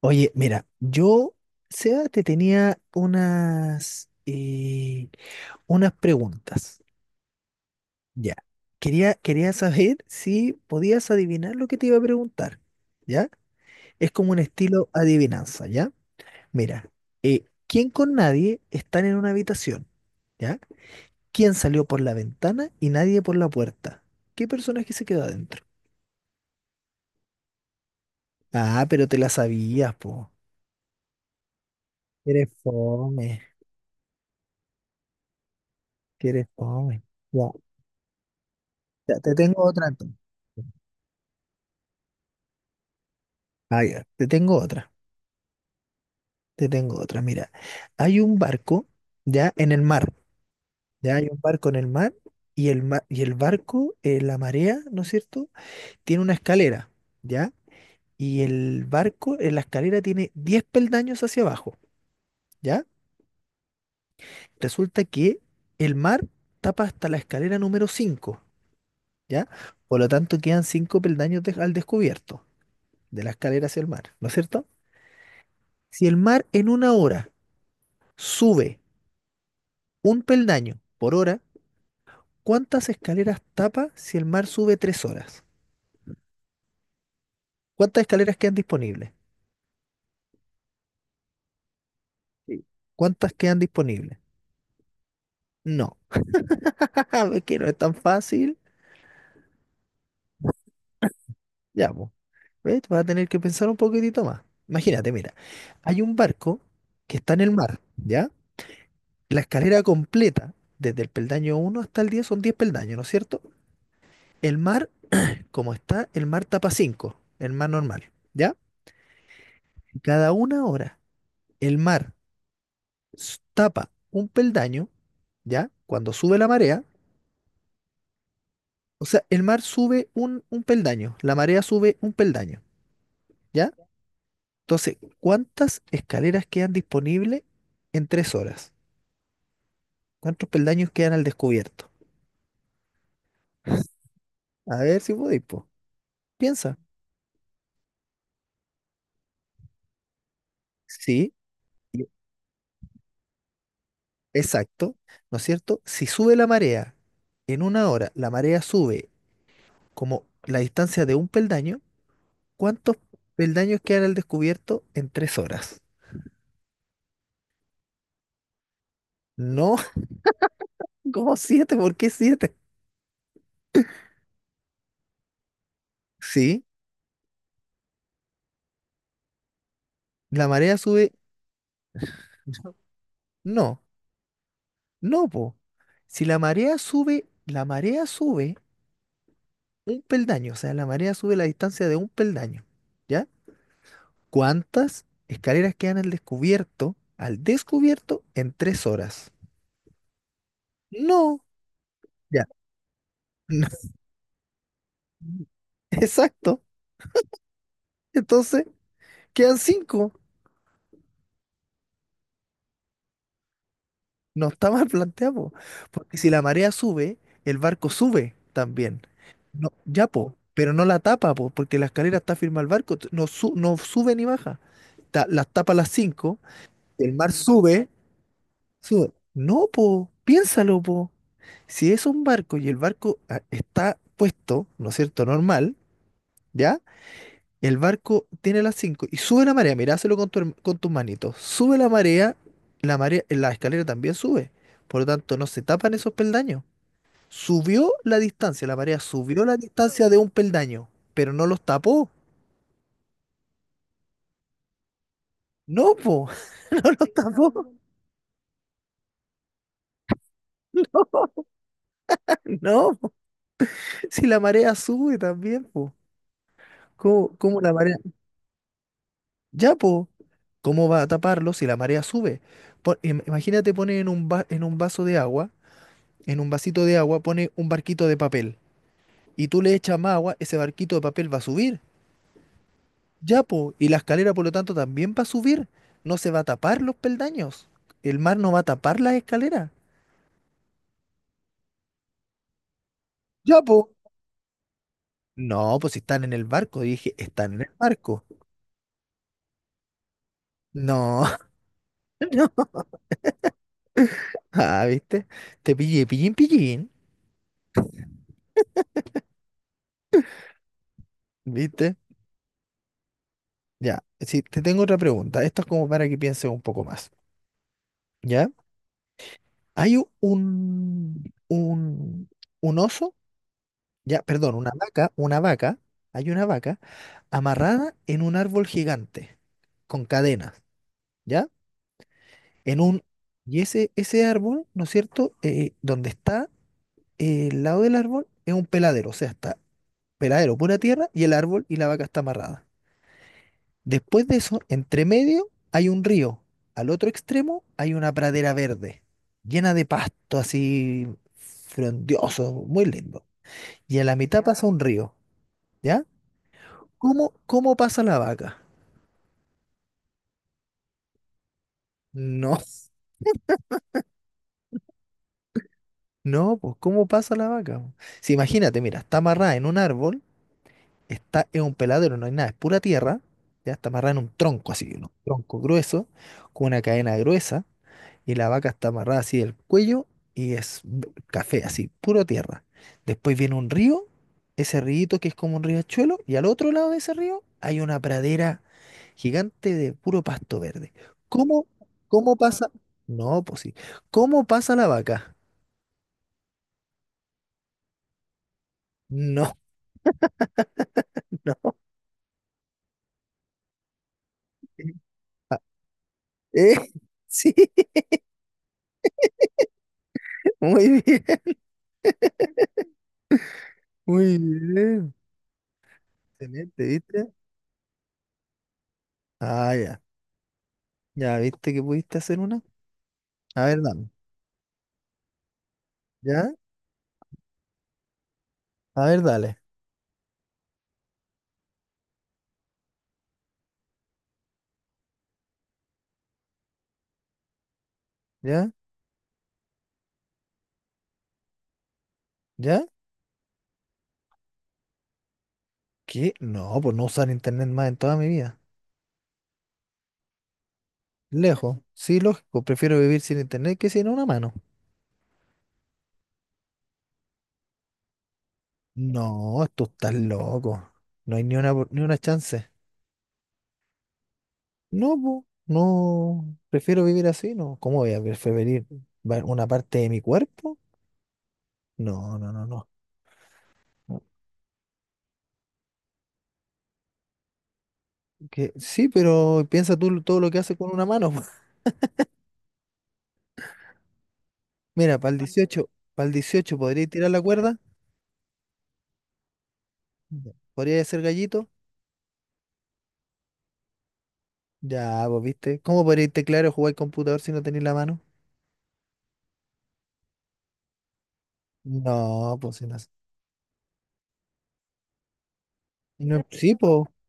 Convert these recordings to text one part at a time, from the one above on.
Oye, mira, yo, Seba, te tenía unas preguntas. Ya. Quería saber si podías adivinar lo que te iba a preguntar. ¿Ya? Es como un estilo adivinanza, ¿ya? Mira, ¿quién con nadie están en una habitación? ¿Ya? ¿Quién salió por la ventana y nadie por la puerta? ¿Qué personaje se quedó adentro? Ah, pero te la sabías, po. Que eres fome, que eres fome. Ya, ya, te tengo otra entonces. Ah, ya. Te tengo otra, te tengo otra. Mira, hay un barco ya en el mar, ya hay un barco en el mar y el barco, la marea, ¿no es cierto? Tiene una escalera, ¿ya? Y el barco en la escalera tiene 10 peldaños hacia abajo, ¿ya? Resulta que el mar tapa hasta la escalera número 5, ¿ya? Por lo tanto, quedan 5 peldaños al descubierto de la escalera hacia el mar, ¿no es cierto? Si el mar en una hora sube un peldaño por hora, ¿cuántas escaleras tapa si el mar sube 3 horas? ¿Cuántas escaleras quedan disponibles? Sí. ¿Cuántas quedan disponibles? No, jaja, ve que no es tan fácil. Ya, pues, ¿ves? Vas a tener que pensar un poquitito más. Imagínate, mira, hay un barco que está en el mar, ¿ya? La escalera completa, desde el peldaño uno hasta el 10 son 10 peldaños, ¿no es cierto? El mar, como está, el mar tapa 5, el mar normal, ¿ya? Cada una hora, el mar tapa un peldaño, ¿ya? Cuando sube la marea, o sea, el mar sube un peldaño, la marea sube un peldaño, ¿ya? Entonces, ¿cuántas escaleras quedan disponibles en 3 horas? ¿Cuántos peldaños quedan al descubierto? A ver si podéis, po. Piensa. Sí, y- exacto, ¿no es cierto? Si sube la marea en una hora, la marea sube como la distancia de un peldaño, ¿cuántos peldaños quedan al descubierto en 3 horas? No, como siete, ¿por qué siete? Sí, la marea sube. No. No, po. Si la marea sube, la marea sube un peldaño, o sea, la marea sube la distancia de un peldaño, ¿ya? ¿Cuántas escaleras quedan al descubierto en 3 horas? No, ya. no, exacto. Entonces, quedan cinco. No está mal planteado, po, porque si la marea sube, el barco sube también. No, ya, po, pero no la tapa, po, porque la escalera está firme al barco, no, no sube ni baja. Las tapa las cinco, el mar sube, sube. No, po, piénsalo, po. Si es un barco y el barco está puesto, ¿no es cierto? Normal, ¿ya? El barco tiene las 5 y sube la marea, miráselo con tus manitos. Sube la marea, la escalera también sube. Por lo tanto, no se tapan esos peldaños. Subió la distancia, la marea subió la distancia de un peldaño, pero no los tapó. No, po, tapó. No, po. Si la marea sube también, po. ¿Cómo la marea? Ya, po. ¿Cómo va a taparlo si la marea sube? Imagínate pone en un vaso de agua, en un vasito de agua, pone un barquito de papel y tú le echas más agua, ese barquito de papel va a subir. Ya, po, y la escalera por lo tanto también va a subir. No se va a tapar los peldaños. El mar no va a tapar las escaleras. Ya, po. No, pues si están en el barco, dije, están en el barco. No, no. Ah, ¿viste? Te pillé, pillín, pillín. ¿Viste? Ya, sí, te tengo otra pregunta. Esto es como para que pienses un poco más. ¿Ya? Hay un oso, ya, perdón, una vaca, hay una vaca amarrada en un árbol gigante, con cadenas, ¿ya? En un, y ese árbol, ¿no es cierto? Donde está el lado del árbol es un peladero, o sea, está peladero, pura tierra, y el árbol y la vaca está amarrada. Después de eso, entre medio hay un río, al otro extremo hay una pradera verde, llena de pasto así frondioso, muy lindo. Y en la mitad pasa un río, ¿ya? ¿Cómo pasa la vaca? No, no, pues ¿cómo pasa la vaca, po? Si imagínate, mira, está amarrada en un árbol, está en un peladero, no hay nada, es pura tierra, ya está amarrada en un tronco así, un tronco grueso, con una cadena gruesa, y la vaca está amarrada así del cuello y es café, así, puro tierra. Después viene un río, ese río que es como un riachuelo, y al otro lado de ese río hay una pradera gigante de puro pasto verde. ¿Cómo, cómo pasa? No, pues sí. ¿Cómo pasa la vaca? No, no. Ah, eh, sí, muy bien, muy bien. Excelente, ¿viste? Ah, ya. Ya, ¿viste que pudiste hacer una? A ver, dame. ¿Ya? A ver, dale. ¿Ya? ¿Ya? ¿Qué? No, pues no usar internet más en toda mi vida. Lejos. Sí, lógico. Prefiero vivir sin internet que sin una mano. No, tú estás loco. No hay ni una, ni una chance. No, po, no, prefiero vivir así, ¿no? ¿Cómo voy a preferir una parte de mi cuerpo? No, no, no, no. No, que, sí, pero piensa tú todo lo que hace con una mano, po. Mira, para el dieciocho ¿podrías tirar la cuerda? Ya. ¿Podrías ser gallito? Ya, pues, ¿viste? ¿Cómo podrías teclar o jugar computador si no tenéis la mano? No, pues, si no. Sí,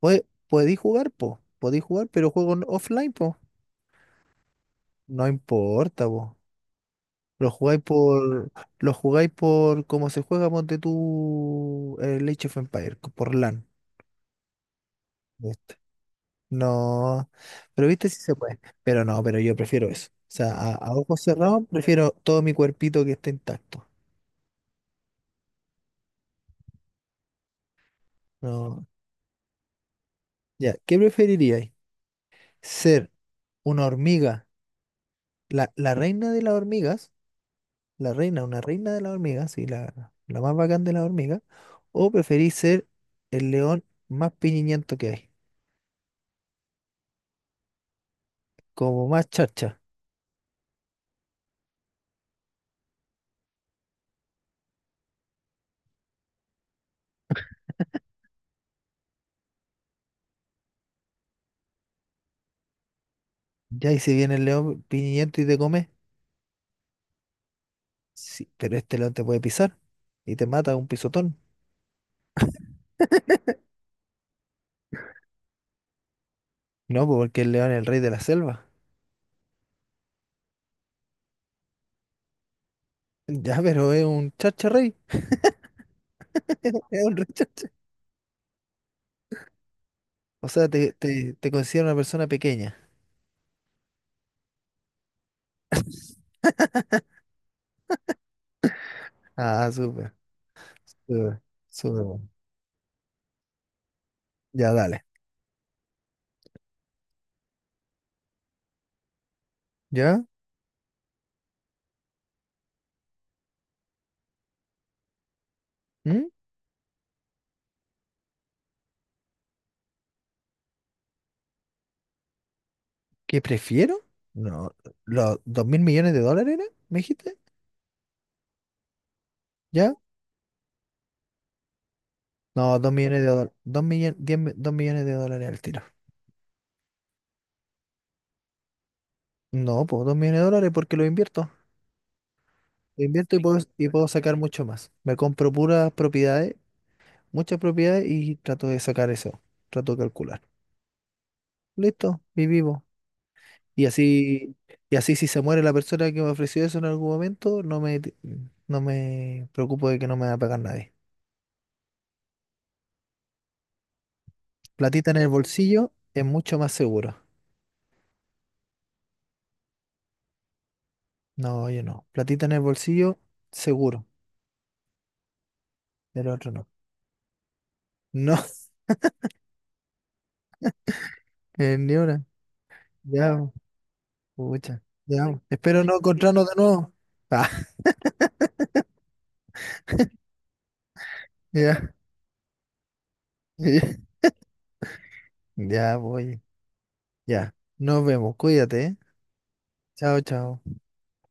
pues, pues, podéis jugar, pero juego offline, pues. No importa, pues. Lo jugáis por, lo jugáis por como se juega, ponte tú el Age of Empires, por LAN. ¿Viste? No, pero viste si se puede. Pero no, pero yo prefiero eso. O sea, a ojos cerrados prefiero todo mi cuerpito que esté intacto. No. Ya, ¿qué preferiríais? ¿Ser una hormiga, la reina de las hormigas? La reina, una reina de las hormigas, sí, la más bacán de las hormigas. ¿O preferís ser el león más piñiñento que hay? Como más charcha. Ya, y si viene el león piñiento y te come, sí, pero este león te puede pisar y te mata de un pisotón. No, pues, porque el león es el rey de la selva. Ya, pero es un chacha rey. Es un rey chacha. O sea, te considera una persona pequeña. Ah, súper, súper, súper. Bueno. Ya, dale. ¿Ya? ¿Mm? ¿Qué prefiero? No, ¿los $2.000 millones era? ¿Me dijiste? ¿Ya? No, $2 millones. 2 millones, $2 millones al tiro. No, pues $2 millones porque lo invierto. Yo invierto y puedo sacar mucho más. Me compro puras propiedades, muchas propiedades y trato de sacar eso. Trato de calcular. Listo, y vivo. Y así, y así si se muere la persona que me ofreció eso en algún momento, no me preocupo de que no me va a pagar nadie. Platita en el bolsillo es mucho más seguro. No, yo no. Platita en el bolsillo, seguro. Del otro no. No, ni una. Ya, pucha. Ya. Espero no encontrarnos de nuevo. Ah, ya. Ya, voy. Ya, nos vemos, cuídate, ¿eh? Chao, chao.